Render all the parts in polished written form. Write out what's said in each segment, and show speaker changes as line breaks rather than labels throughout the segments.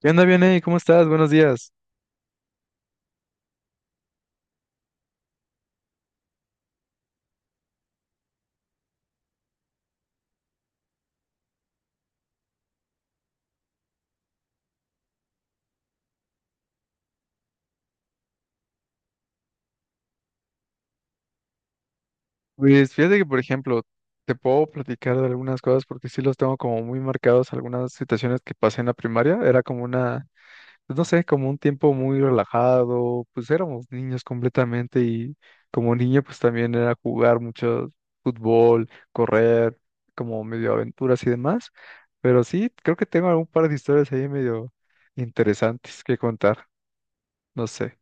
¿Qué onda, Vianey? ¿Cómo estás? Buenos días. Pues fíjate que, por ejemplo, te puedo platicar de algunas cosas porque sí los tengo como muy marcados, algunas situaciones que pasé en la primaria. Era como pues, no sé, como un tiempo muy relajado, pues éramos niños completamente y como niño pues también era jugar mucho fútbol, correr, como medio aventuras y demás. Pero sí, creo que tengo algún par de historias ahí medio interesantes que contar, no sé.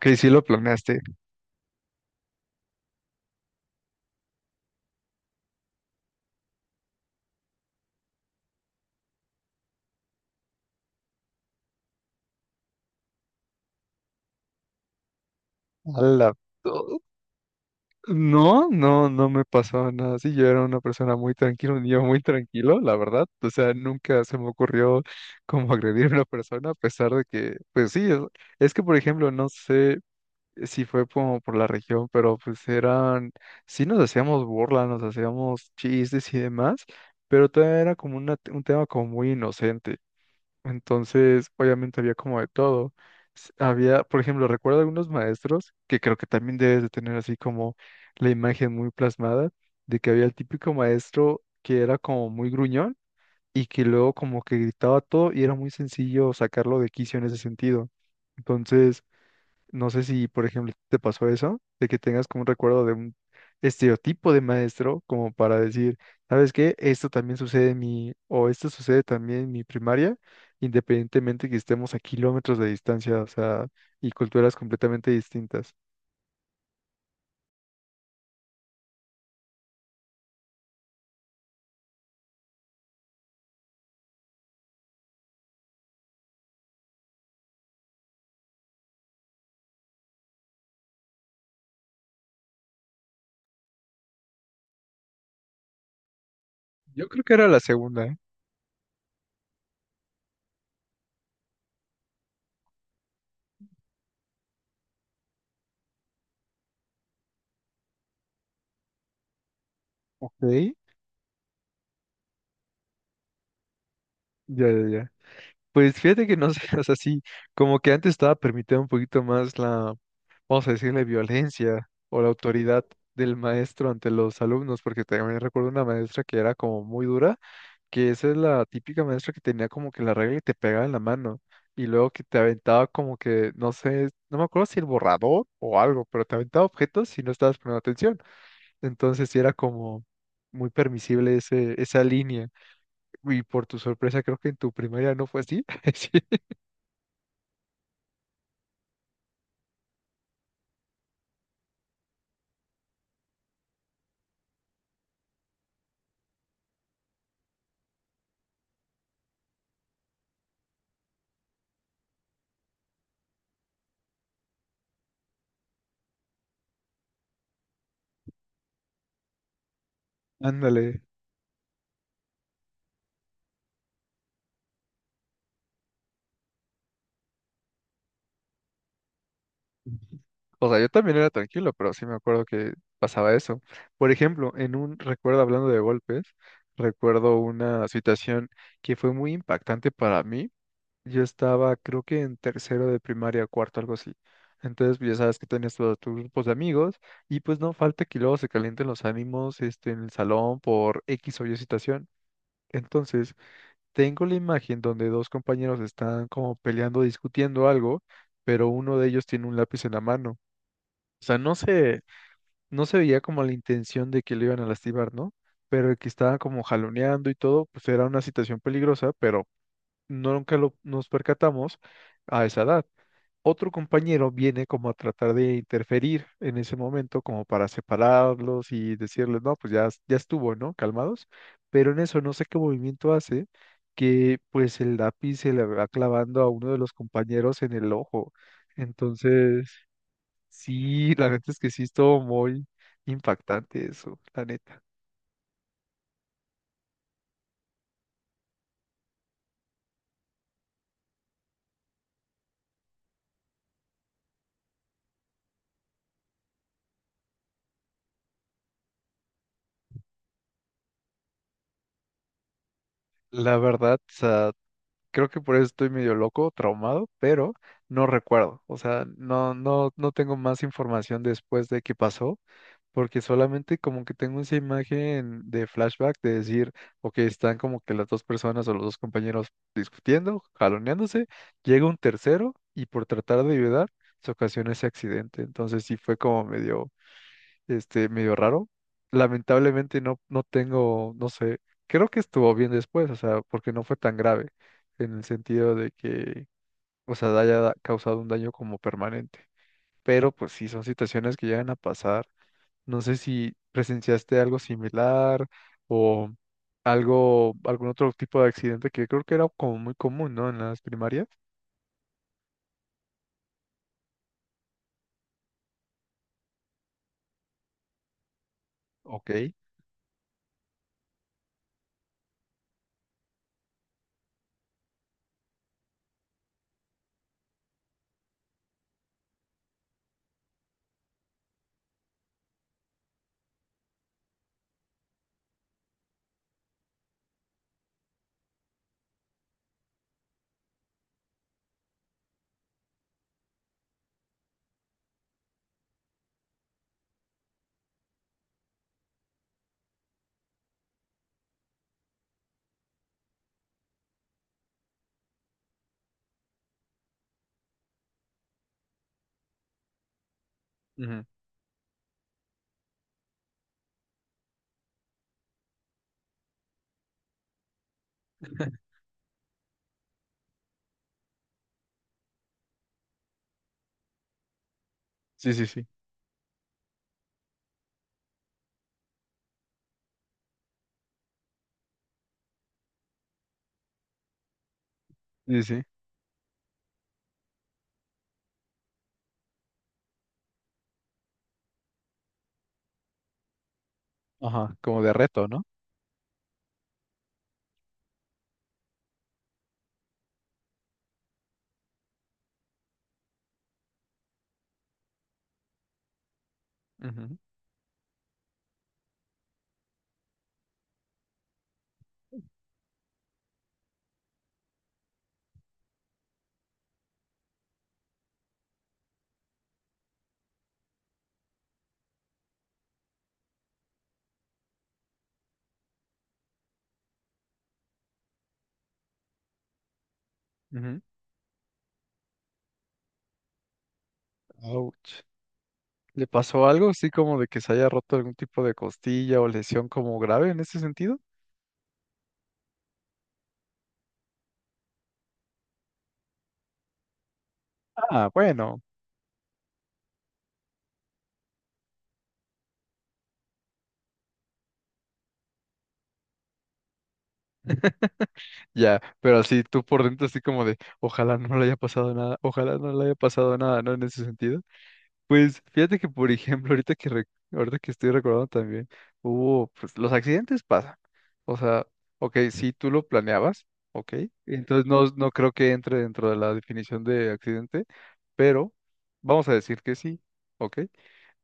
Que sí lo planeaste. ¡Hala! No, no, no me pasó nada así. Yo era una persona muy tranquila, un niño muy tranquilo, la verdad. O sea, nunca se me ocurrió como agredir a una persona, a pesar de que, pues sí, es que, por ejemplo, no sé si fue como por la región, pero sí nos hacíamos burla, nos hacíamos chistes y demás, pero todavía era como un tema como muy inocente. Entonces, obviamente había como de todo. Había, por ejemplo, recuerdo algunos maestros que creo que también debes de tener así como la imagen muy plasmada de que había el típico maestro que era como muy gruñón y que luego como que gritaba todo y era muy sencillo sacarlo de quicio en ese sentido. Entonces, no sé si, por ejemplo, te pasó eso, de que tengas como un recuerdo de un estereotipo de maestro, como para decir, ¿sabes qué? Esto también sucede en mi, o esto sucede también en mi primaria, independientemente que estemos a kilómetros de distancia, o sea, y culturas completamente distintas. Yo creo que era la segunda, ¿eh? Ok. Ya, ya, ya. Pues fíjate que no sé, o sea, sí, como que antes estaba permitido un poquito más la, vamos a decirle, violencia o la autoridad del maestro ante los alumnos, porque también recuerdo una maestra que era como muy dura, que esa es la típica maestra que tenía como que la regla y te pegaba en la mano, y luego que te aventaba como que, no sé, no me acuerdo si el borrador o algo, pero te aventaba objetos si no estabas poniendo atención. Entonces sí era como muy permisible ese, esa línea, y por tu sorpresa creo que en tu primaria no fue así. Sí, ándale. O sea, yo también era tranquilo, pero sí me acuerdo que pasaba eso. Por ejemplo, en un recuerdo hablando de golpes, recuerdo una situación que fue muy impactante para mí. Yo estaba, creo que en tercero de primaria, cuarto, algo así. Entonces, pues, ya sabes que tenías todos tus grupos de amigos y pues no falta que luego se calienten los ánimos, este, en el salón por X o Y situación. Entonces, tengo la imagen donde dos compañeros están como peleando, discutiendo algo, pero uno de ellos tiene un lápiz en la mano. O sea, no sé, no se veía como la intención de que le iban a lastimar, ¿no? Pero el que estaban como jaloneando y todo, pues era una situación peligrosa, pero nunca lo, nos percatamos a esa edad. Otro compañero viene como a tratar de interferir en ese momento, como para separarlos y decirles, no, pues ya, ya estuvo, ¿no? Calmados. Pero en eso no sé qué movimiento hace, que pues el lápiz se le va clavando a uno de los compañeros en el ojo. Entonces. Sí, la neta es que sí estuvo muy impactante eso, la neta. La verdad, o sea, creo que por eso estoy medio loco, traumado, pero no recuerdo. O sea, no, no, no tengo más información después de qué pasó, porque solamente como que tengo esa imagen de flashback de decir, ok, están como que las dos personas o los dos compañeros discutiendo, jaloneándose, llega un tercero y por tratar de ayudar, se ocasiona ese accidente. Entonces sí fue como medio, este, medio raro. Lamentablemente no, no tengo, no sé, creo que estuvo bien después, o sea, porque no fue tan grave en el sentido de que, o sea, causado un daño como permanente. Pero pues sí, son situaciones que llegan a pasar. No sé si presenciaste algo similar o algo, algún otro tipo de accidente que creo que era como muy común, ¿no? En las primarias. Ok. Ujú. Sí, sí, sí. Sí, sí. Ajá, como de reto, ¿no? Ujú, ujú. Ouch. ¿Le pasó algo así como de que se haya roto algún tipo de costilla o lesión como grave en ese sentido? Ah, bueno, ya, pero así tú por dentro así como de, ojalá no le haya pasado nada, ojalá no le haya pasado nada, ¿no? En ese sentido. Pues fíjate que, por ejemplo, ahorita que estoy recordando también, hubo, pues los accidentes pasan. O sea, ok, si tú lo planeabas, ok, entonces no, no creo que entre dentro de la definición de accidente, pero vamos a decir que sí, ok.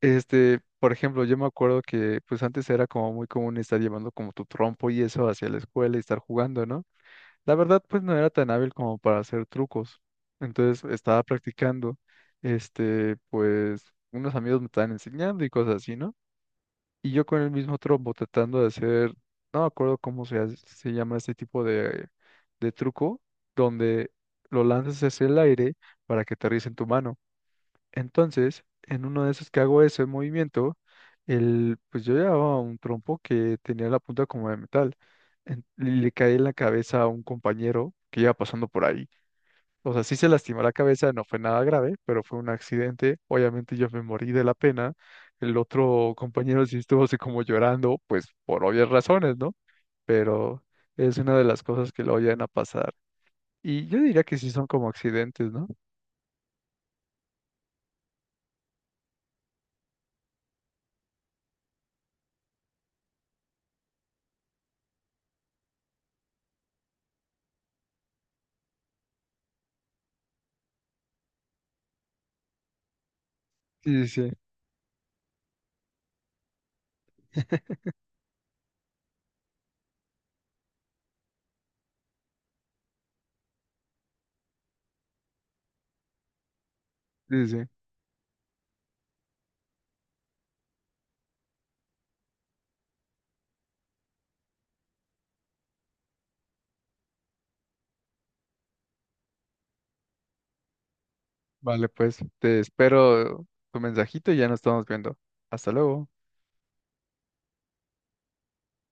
Este, por ejemplo, yo me acuerdo que pues antes era como muy común estar llevando como tu trompo y eso hacia la escuela y estar jugando, ¿no? La verdad, pues no era tan hábil como para hacer trucos. Entonces estaba practicando, este, pues unos amigos me estaban enseñando y cosas así, ¿no? Y yo con el mismo trompo tratando de hacer, no me acuerdo cómo se llama este tipo de truco, donde lo lanzas hacia el aire para que aterrice en tu mano. Entonces, en uno de esos que hago ese movimiento, el, pues yo llevaba un trompo que tenía la punta como de metal. Y le caí en la cabeza a un compañero que iba pasando por ahí. O sea, sí se lastimó la cabeza, no fue nada grave, pero fue un accidente. Obviamente yo me morí de la pena. El otro compañero sí estuvo así como llorando, pues por obvias razones, ¿no? Pero es una de las cosas que lo llegan a pasar. Y yo diría que sí son como accidentes, ¿no? Sí, sí, sí. Sí, sí. Sí. Vale, pues te espero tu mensajito y ya nos estamos viendo. Hasta luego.